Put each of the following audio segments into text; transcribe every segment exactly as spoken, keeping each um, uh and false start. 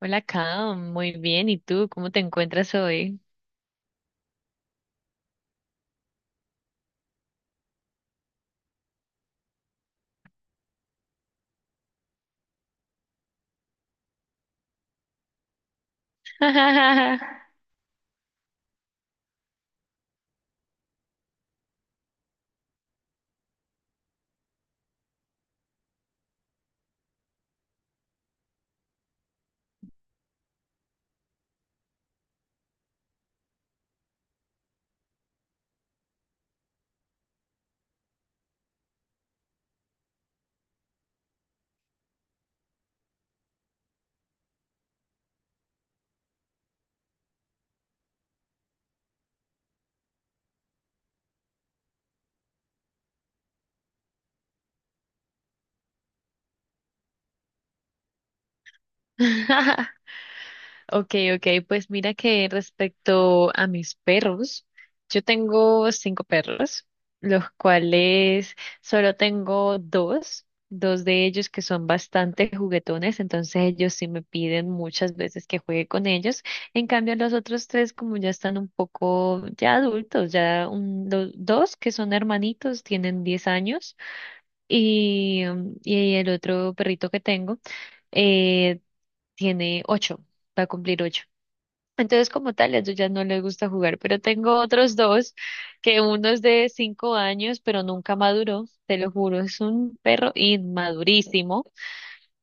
Hola, Cam. Muy bien. ¿Y tú? ¿Cómo te encuentras hoy? Ok, ok. Pues mira que respecto a mis perros, yo tengo cinco perros, los cuales solo tengo dos, dos de ellos que son bastante juguetones, entonces ellos sí me piden muchas veces que juegue con ellos. En cambio, los otros tres, como ya están un poco ya adultos, ya un- los dos que son hermanitos, tienen diez años. Y, y el otro perrito que tengo eh, tiene ocho, va a cumplir ocho. Entonces, como tal, a ellos ya no les gusta jugar, pero tengo otros dos, que uno es de cinco años, pero nunca maduró, te lo juro, es un perro inmadurísimo.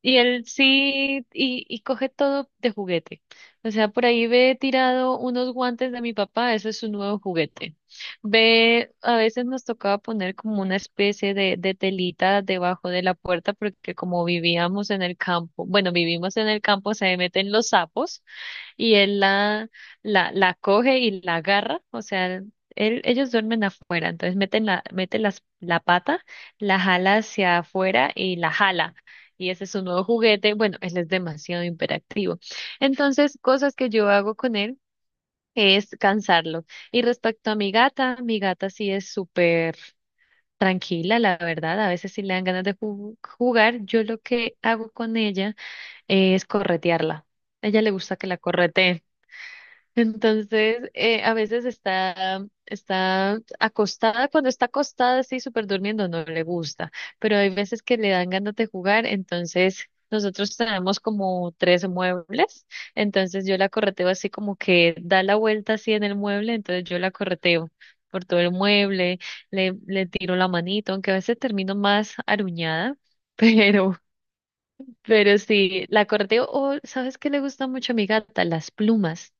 Y él sí, y, y coge todo de juguete. O sea, por ahí ve tirado unos guantes de mi papá, ese es su nuevo juguete. Ve, a veces nos tocaba poner como una especie de, de telita debajo de la puerta, porque como vivíamos en el campo, bueno, vivimos en el campo, se meten los sapos y él la, la, la coge y la agarra, o sea, él, ellos duermen afuera, entonces meten la, mete las, la pata, la jala hacia afuera y la jala. Y ese es su nuevo juguete. Bueno, él es demasiado hiperactivo. Entonces, cosas que yo hago con él es cansarlo. Y respecto a mi gata, mi gata sí es súper tranquila, la verdad. A veces si le dan ganas de ju- jugar, yo lo que hago con ella es corretearla. A ella le gusta que la correteen. Entonces, eh, a veces está, está acostada, cuando está acostada, así súper durmiendo, no le gusta, pero hay veces que le dan ganas de jugar, entonces nosotros tenemos como tres muebles, entonces yo la correteo así como que da la vuelta así en el mueble, entonces yo la correteo por todo el mueble, le, le tiro la manito, aunque a veces termino más aruñada, pero, pero sí, la correteo, o ¿sabes qué le gusta mucho a mi gata? Las plumas.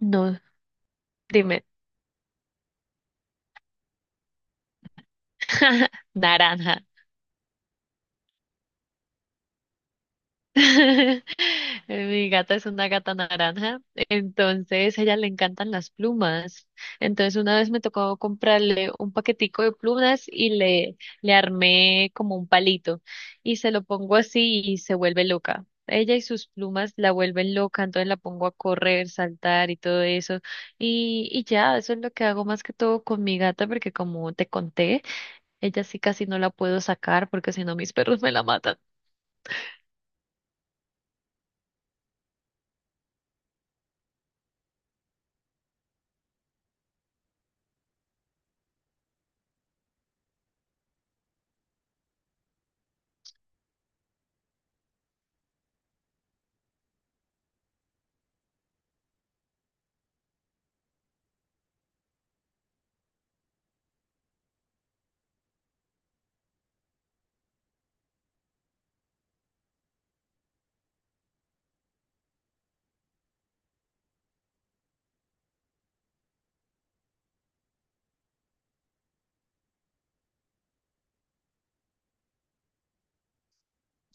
No, dime. Naranja. Mi gata es una gata naranja, entonces a ella le encantan las plumas. Entonces una vez me tocó comprarle un paquetico de plumas y le, le armé como un palito y se lo pongo así y se vuelve loca. Ella y sus plumas la vuelven loca, entonces la pongo a correr, saltar y todo eso. Y, y ya, eso es lo que hago más que todo con mi gata, porque como te conté, ella sí casi no la puedo sacar porque si no mis perros me la matan.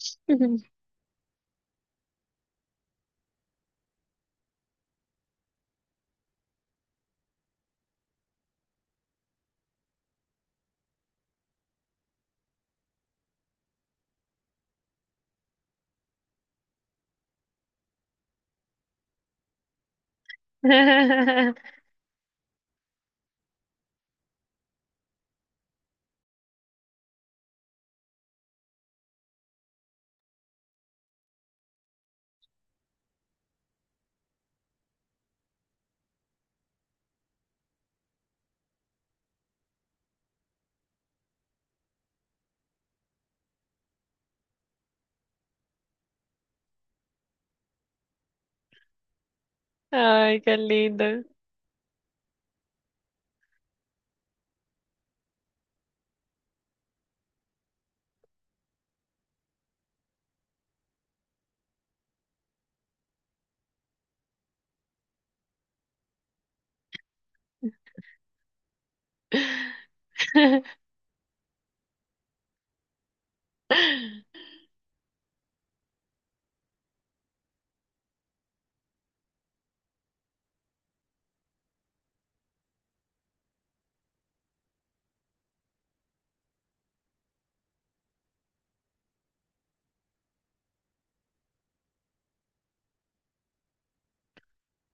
Ay, qué lindo.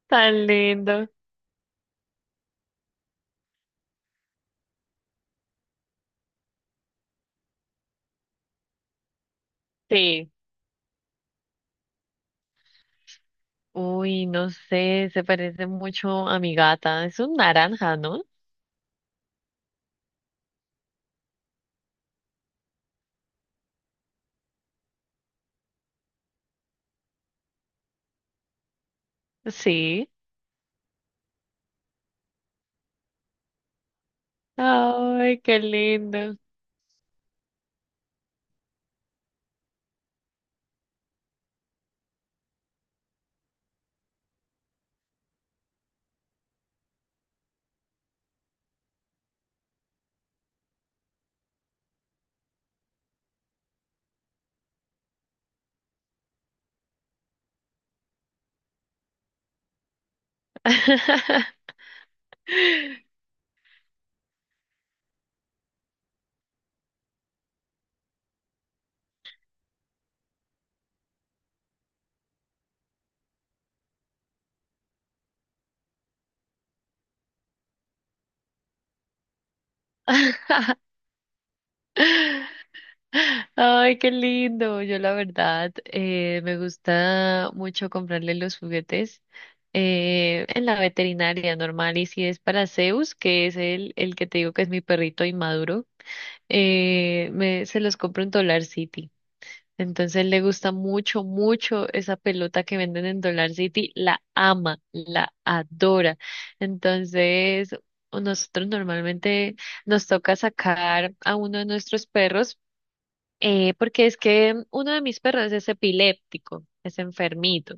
Tan lindo. Sí. Uy, no sé, se parece mucho a mi gata. Es un naranja, ¿no? Sí. Ay, qué lindo. Ay, qué lindo. Yo la verdad, eh, me gusta mucho comprarle los juguetes eh, en la veterinaria normal. Y si es para Zeus, que es el, el que te digo que es mi perrito inmaduro. Eh, me, se los compro en Dollar City. Entonces le gusta mucho, mucho esa pelota que venden en Dollar City. La ama, la adora. Entonces, o nosotros normalmente nos toca sacar a uno de nuestros perros, eh, porque es que uno de mis perros es epiléptico, es enfermito,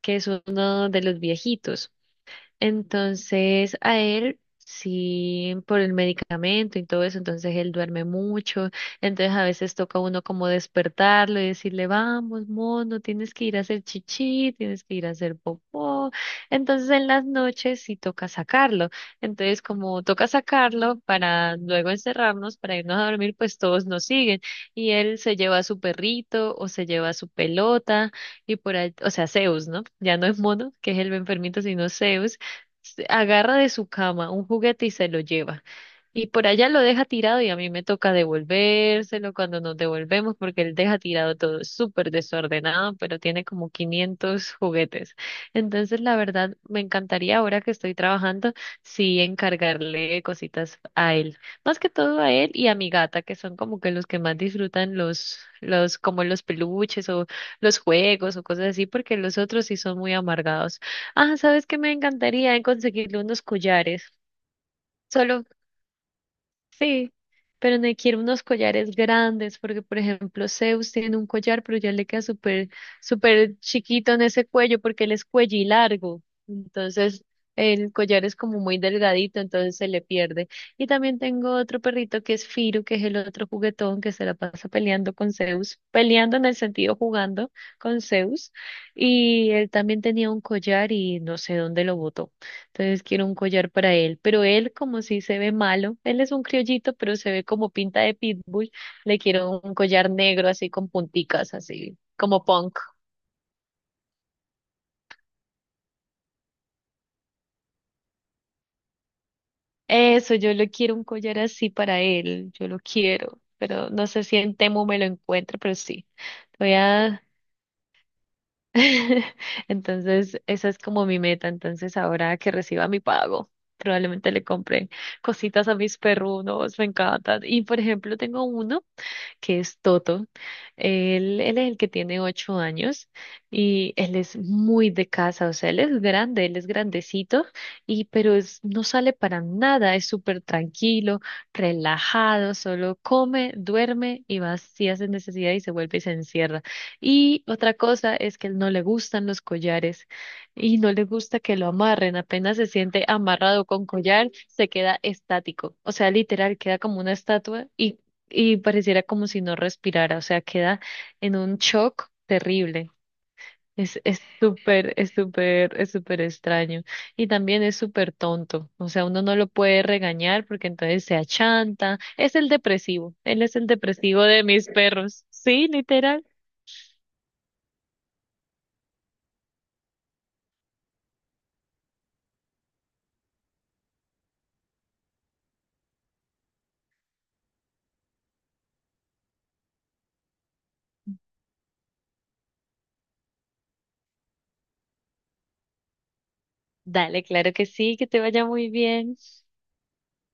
que es uno de los viejitos. Entonces, a él, sí, por el medicamento y todo eso, entonces él duerme mucho, entonces a veces toca uno como despertarlo y decirle, vamos, mono, tienes que ir a hacer chichi, tienes que ir a hacer popó. Entonces, en las noches sí toca sacarlo. Entonces, como toca sacarlo para luego encerrarnos, para irnos a dormir, pues todos nos siguen. Y él se lleva a su perrito o se lleva a su pelota y por ahí, o sea, Zeus, ¿no? Ya no es mono, que es el enfermito, sino Zeus se agarra de su cama un juguete y se lo lleva. Y por allá lo deja tirado y a mí me toca devolvérselo cuando nos devolvemos porque él deja tirado todo es súper desordenado, pero tiene como quinientos juguetes. Entonces, la verdad, me encantaría ahora que estoy trabajando, sí, encargarle cositas a él. Más que todo a él y a mi gata, que son como que los que más disfrutan los, los, como los peluches o los juegos o cosas así, porque los otros sí son muy amargados. Ah, sabes que me encantaría conseguirle unos collares. Solo, sí, pero me quiero unos collares grandes, porque por ejemplo, Zeus tiene un collar, pero ya le queda súper, súper chiquito en ese cuello, porque él es cuello y largo. Entonces, el collar es como muy delgadito, entonces se le pierde. Y también tengo otro perrito que es Firu, que es el otro juguetón que se la pasa peleando con Zeus, peleando en el sentido jugando con Zeus. Y él también tenía un collar y no sé dónde lo botó. Entonces quiero un collar para él, pero él como si se ve malo, él es un criollito, pero se ve como pinta de pitbull, le quiero un collar negro así con punticas, así como punk. Eso, yo le quiero un collar así para él, yo lo quiero, pero no sé si en Temu me lo encuentro, pero sí, voy a... Entonces, esa es como mi meta, entonces ahora que reciba mi pago, probablemente le compre cositas a mis perrunos, me encantan. Y por ejemplo, tengo uno. Que es Toto. Él, él es el que tiene ocho años y él es muy de casa, o sea, él es grande, él es grandecito, y pero es- no sale para nada, es súper tranquilo, relajado, solo come, duerme y va si hace necesidad y se vuelve y se encierra. Y otra cosa es que él no le gustan los collares y no le gusta que lo amarren, apenas se siente amarrado con collar, se queda estático, o sea, literal, queda como una estatua y y pareciera como si no respirara, o sea, queda en un shock terrible. Es, es súper, es súper, es súper extraño. Y también es súper tonto. O sea, uno no lo puede regañar porque entonces se achanta. Es el depresivo. Él es el depresivo de mis perros. Sí, literal. Dale, claro que sí, que te vaya muy bien.